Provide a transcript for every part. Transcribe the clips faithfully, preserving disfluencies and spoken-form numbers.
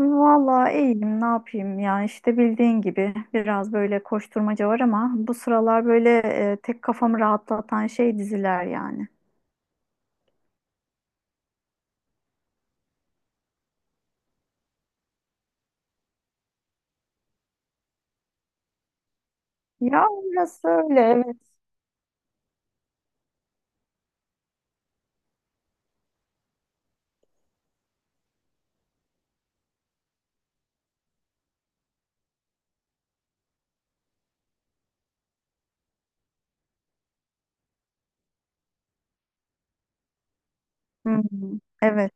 Vallahi iyiyim, ne yapayım ya işte bildiğin gibi biraz böyle koşturmaca var ama bu sıralar böyle e, tek kafamı rahatlatan şey diziler yani. Ya orası öyle, evet. Hı hı, evet.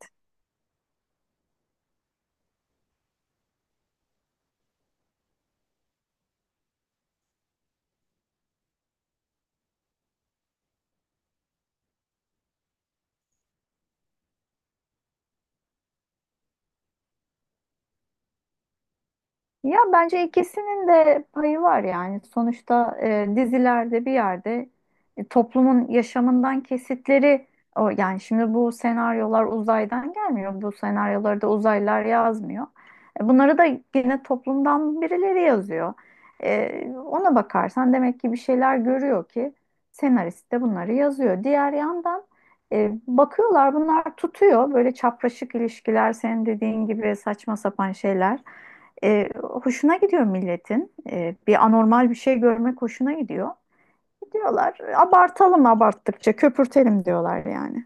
Ya bence ikisinin de payı var yani. Sonuçta e, dizilerde bir yerde e, toplumun yaşamından kesitleri o, yani şimdi bu senaryolar uzaydan gelmiyor. Bu senaryoları da uzaylılar yazmıyor. E, bunları da yine toplumdan birileri yazıyor. E, ona bakarsan demek ki bir şeyler görüyor ki senarist de bunları yazıyor. Diğer yandan e, bakıyorlar bunlar tutuyor. Böyle çapraşık ilişkiler, senin dediğin gibi saçma sapan şeyler. E, hoşuna gidiyor milletin. E, bir anormal bir şey görmek hoşuna gidiyor. Diyorlar abartalım, abarttıkça köpürtelim diyorlar yani.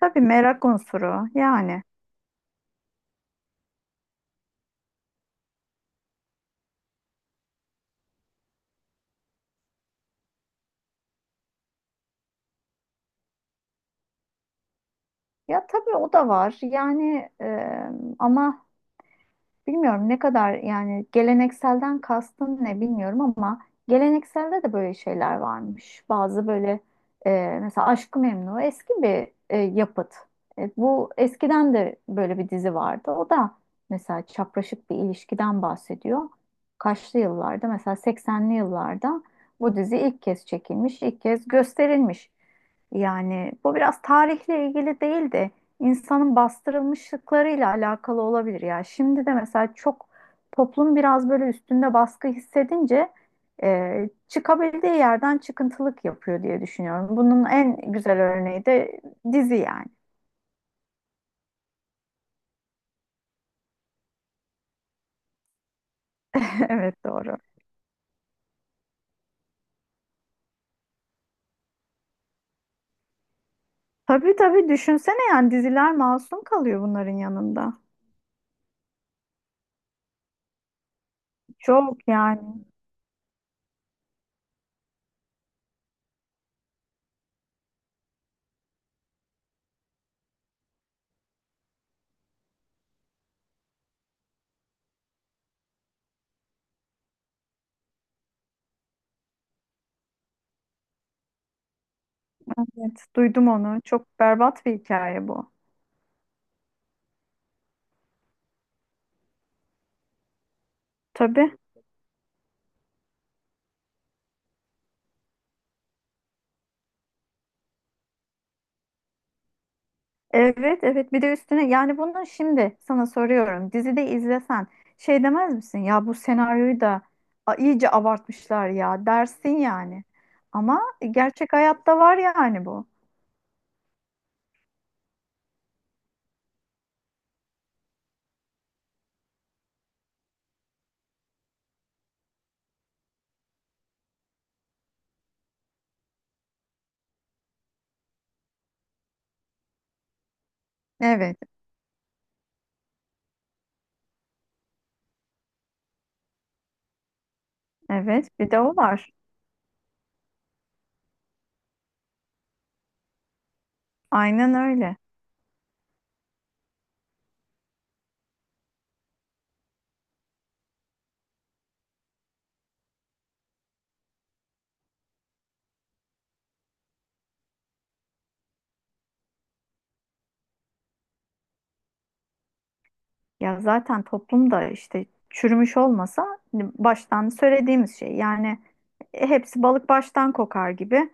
Tabii, merak unsuru yani. Ya tabii o da var yani, e, ama bilmiyorum ne kadar yani, gelenekselden kastın ne bilmiyorum ama gelenekselde de böyle şeyler varmış. Bazı böyle, e, mesela Aşk-ı Memnu eski bir e, yapıt. E, bu eskiden de böyle bir dizi vardı. O da mesela çapraşık bir ilişkiden bahsediyor. Kaçlı yıllarda, mesela seksenli yıllarda bu dizi ilk kez çekilmiş, ilk kez gösterilmiş. Yani bu biraz tarihle ilgili değildi, insanın bastırılmışlıklarıyla alakalı olabilir ya. Şimdi de mesela çok toplum biraz böyle üstünde baskı hissedince e, çıkabildiği yerden çıkıntılık yapıyor diye düşünüyorum. Bunun en güzel örneği de dizi yani. Evet, doğru. Tabii tabii, düşünsene yani diziler masum kalıyor bunların yanında. Çok yani. Evet, duydum onu. Çok berbat bir hikaye bu. Tabii. Evet evet, bir de üstüne yani bunu şimdi sana soruyorum, dizide izlesen şey demez misin ya, bu senaryoyu da a, iyice abartmışlar ya dersin yani, ama gerçek hayatta var yani bu. Evet evet, bir de o var, aynen öyle. Ya zaten toplumda işte çürümüş olmasa, hani baştan söylediğimiz şey yani, e, hepsi balık baştan kokar gibi,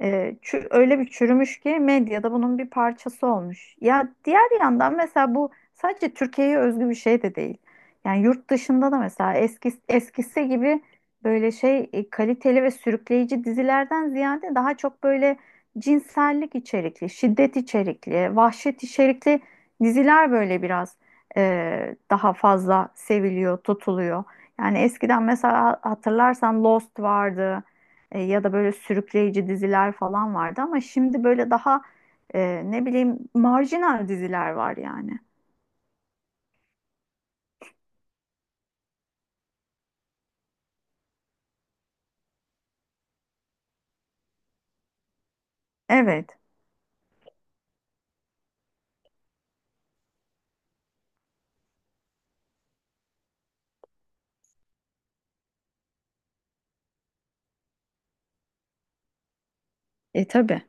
e, çü- öyle bir çürümüş ki medyada bunun bir parçası olmuş. Ya diğer yandan mesela bu sadece Türkiye'ye özgü bir şey de değil. Yani yurt dışında da mesela eski, eskisi gibi böyle şey e, kaliteli ve sürükleyici dizilerden ziyade daha çok böyle cinsellik içerikli, şiddet içerikli, vahşet içerikli diziler böyle biraz e, daha fazla seviliyor, tutuluyor. Yani eskiden mesela hatırlarsan Lost vardı, e, ya da böyle sürükleyici diziler falan vardı, ama şimdi böyle daha e, ne bileyim marjinal diziler var yani. Evet. E tabii.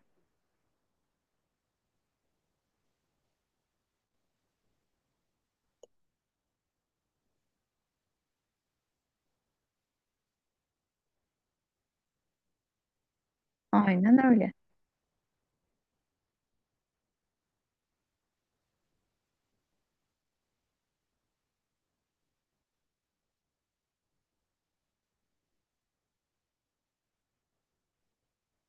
Aynen öyle.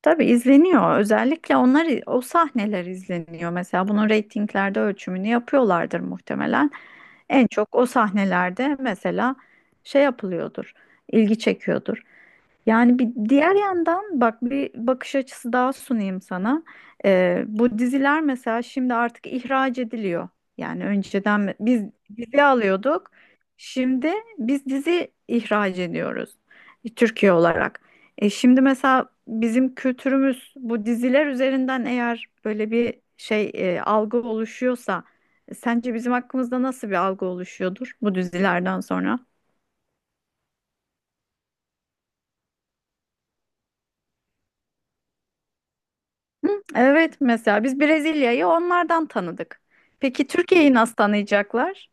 Tabii izleniyor. Özellikle onlar, o sahneler izleniyor. Mesela bunun reytinglerde ölçümünü yapıyorlardır muhtemelen. En çok o sahnelerde mesela şey yapılıyordur, ilgi çekiyordur. Yani bir diğer yandan bak, bir bakış açısı daha sunayım sana. Ee, bu diziler mesela şimdi artık ihraç ediliyor. Yani önceden biz dizi alıyorduk. Şimdi biz dizi ihraç ediyoruz, e, Türkiye olarak. E, şimdi mesela bizim kültürümüz bu diziler üzerinden eğer böyle bir şey e, algı oluşuyorsa, e, sence bizim hakkımızda nasıl bir algı oluşuyordur bu dizilerden sonra? Hı, evet, mesela biz Brezilya'yı onlardan tanıdık. Peki Türkiye'yi nasıl tanıyacaklar?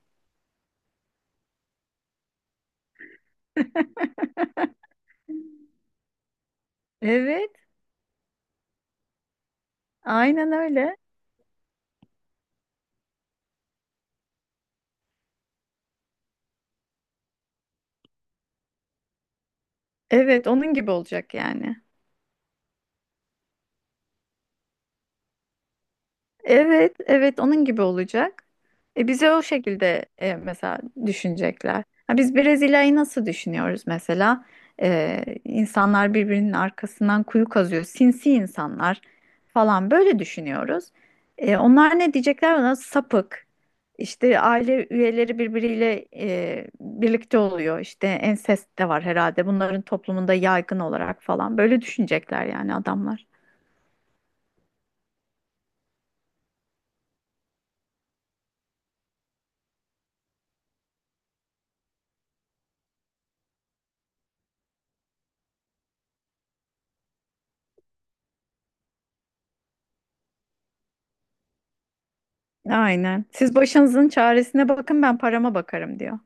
Evet, aynen öyle. Evet, onun gibi olacak yani. Evet, evet, onun gibi olacak. E, bize o şekilde e, mesela düşünecekler. Ha, biz Brezilya'yı nasıl düşünüyoruz mesela? E, insanlar birbirinin arkasından kuyu kazıyor, sinsi insanlar falan böyle düşünüyoruz. E, onlar ne diyecekler ona? Sapık. İşte aile üyeleri birbiriyle e, birlikte oluyor. İşte ensest de var herhalde. Bunların toplumunda yaygın olarak falan böyle düşünecekler yani adamlar. Aynen. Siz başınızın çaresine bakın, ben parama bakarım diyor.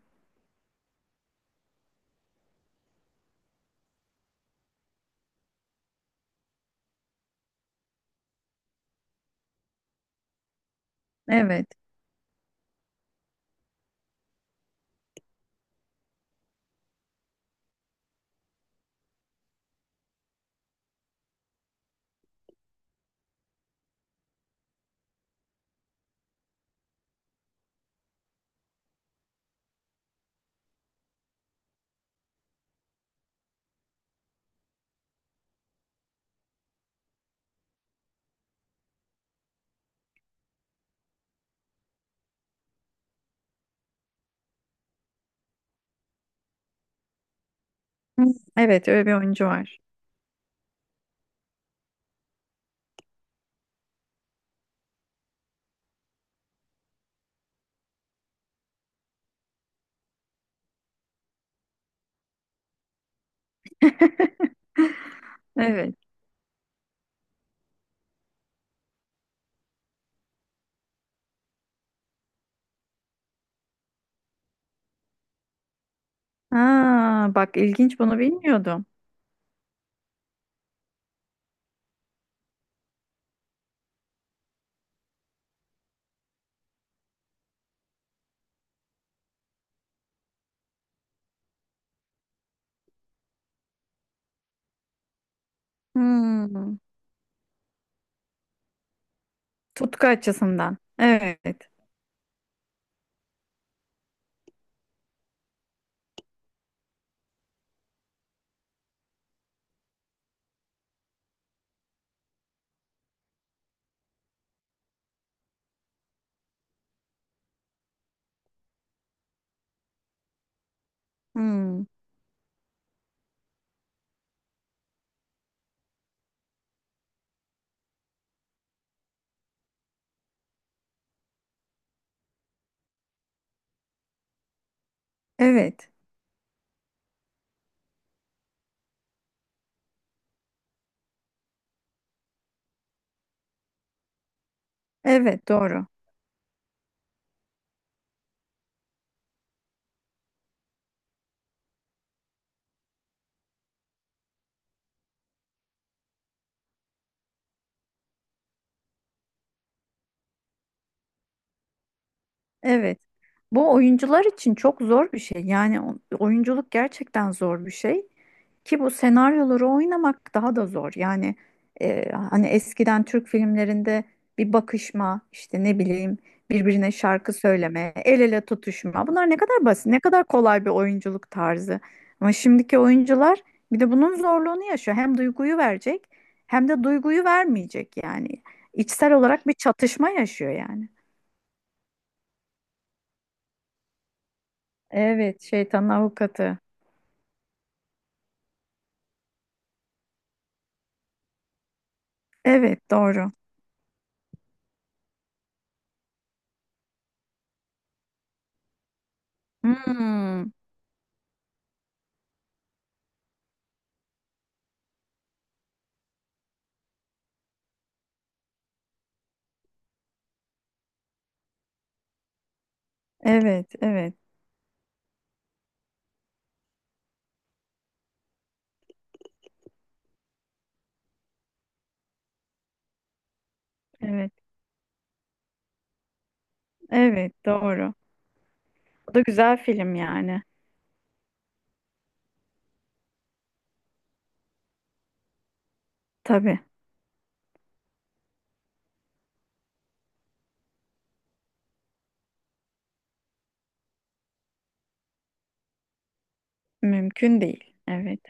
Evet. Hı, evet, öyle bir oyuncu var. Evet. Ha, bak ilginç, bunu bilmiyordum. Hmm. Tutku açısından. Evet. Hmm. Evet. Evet doğru. Evet. Bu oyuncular için çok zor bir şey. Yani o- oyunculuk gerçekten zor bir şey ki bu senaryoları oynamak daha da zor. Yani e, hani eskiden Türk filmlerinde bir bakışma, işte ne bileyim, birbirine şarkı söyleme, el ele tutuşma. Bunlar ne kadar basit, ne kadar kolay bir oyunculuk tarzı. Ama şimdiki oyuncular bir de bunun zorluğunu yaşıyor. Hem duyguyu verecek hem de duyguyu vermeyecek yani. İçsel olarak bir çatışma yaşıyor yani. Evet, şeytanın avukatı. Evet, doğru. Hmm, evet, evet, evet, evet, doğru. Bu da güzel film yani. Tabii, mümkün değil. Evet.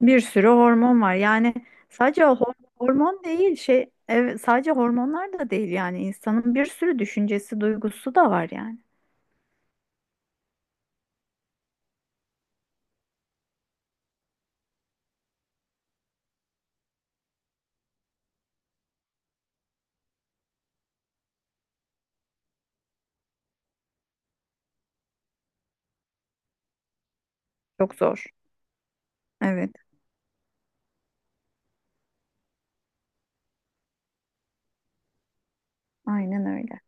Bir sürü hormon var. Yani sadece o hor- hormon değil, şey, evet, sadece hormonlar da değil yani. İnsanın bir sürü düşüncesi, duygusu da var yani. Çok zor. Evet, aynen öyle.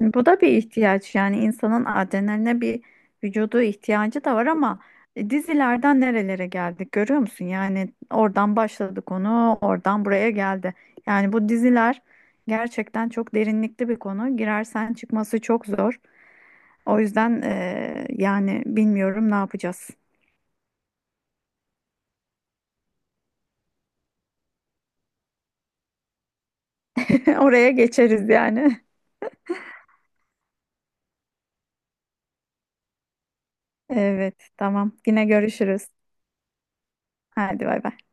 Bu da bir ihtiyaç yani, insanın adrenaline bir vücudu ihtiyacı da var, ama e, dizilerden nerelere geldik görüyor musun? Yani oradan başladık, onu oradan buraya geldi. Yani bu diziler gerçekten çok derinlikli bir konu. Girersen çıkması çok zor. O yüzden eee, yani bilmiyorum ne yapacağız. Oraya geçeriz yani. Evet, tamam. Yine görüşürüz. Hadi bay bay.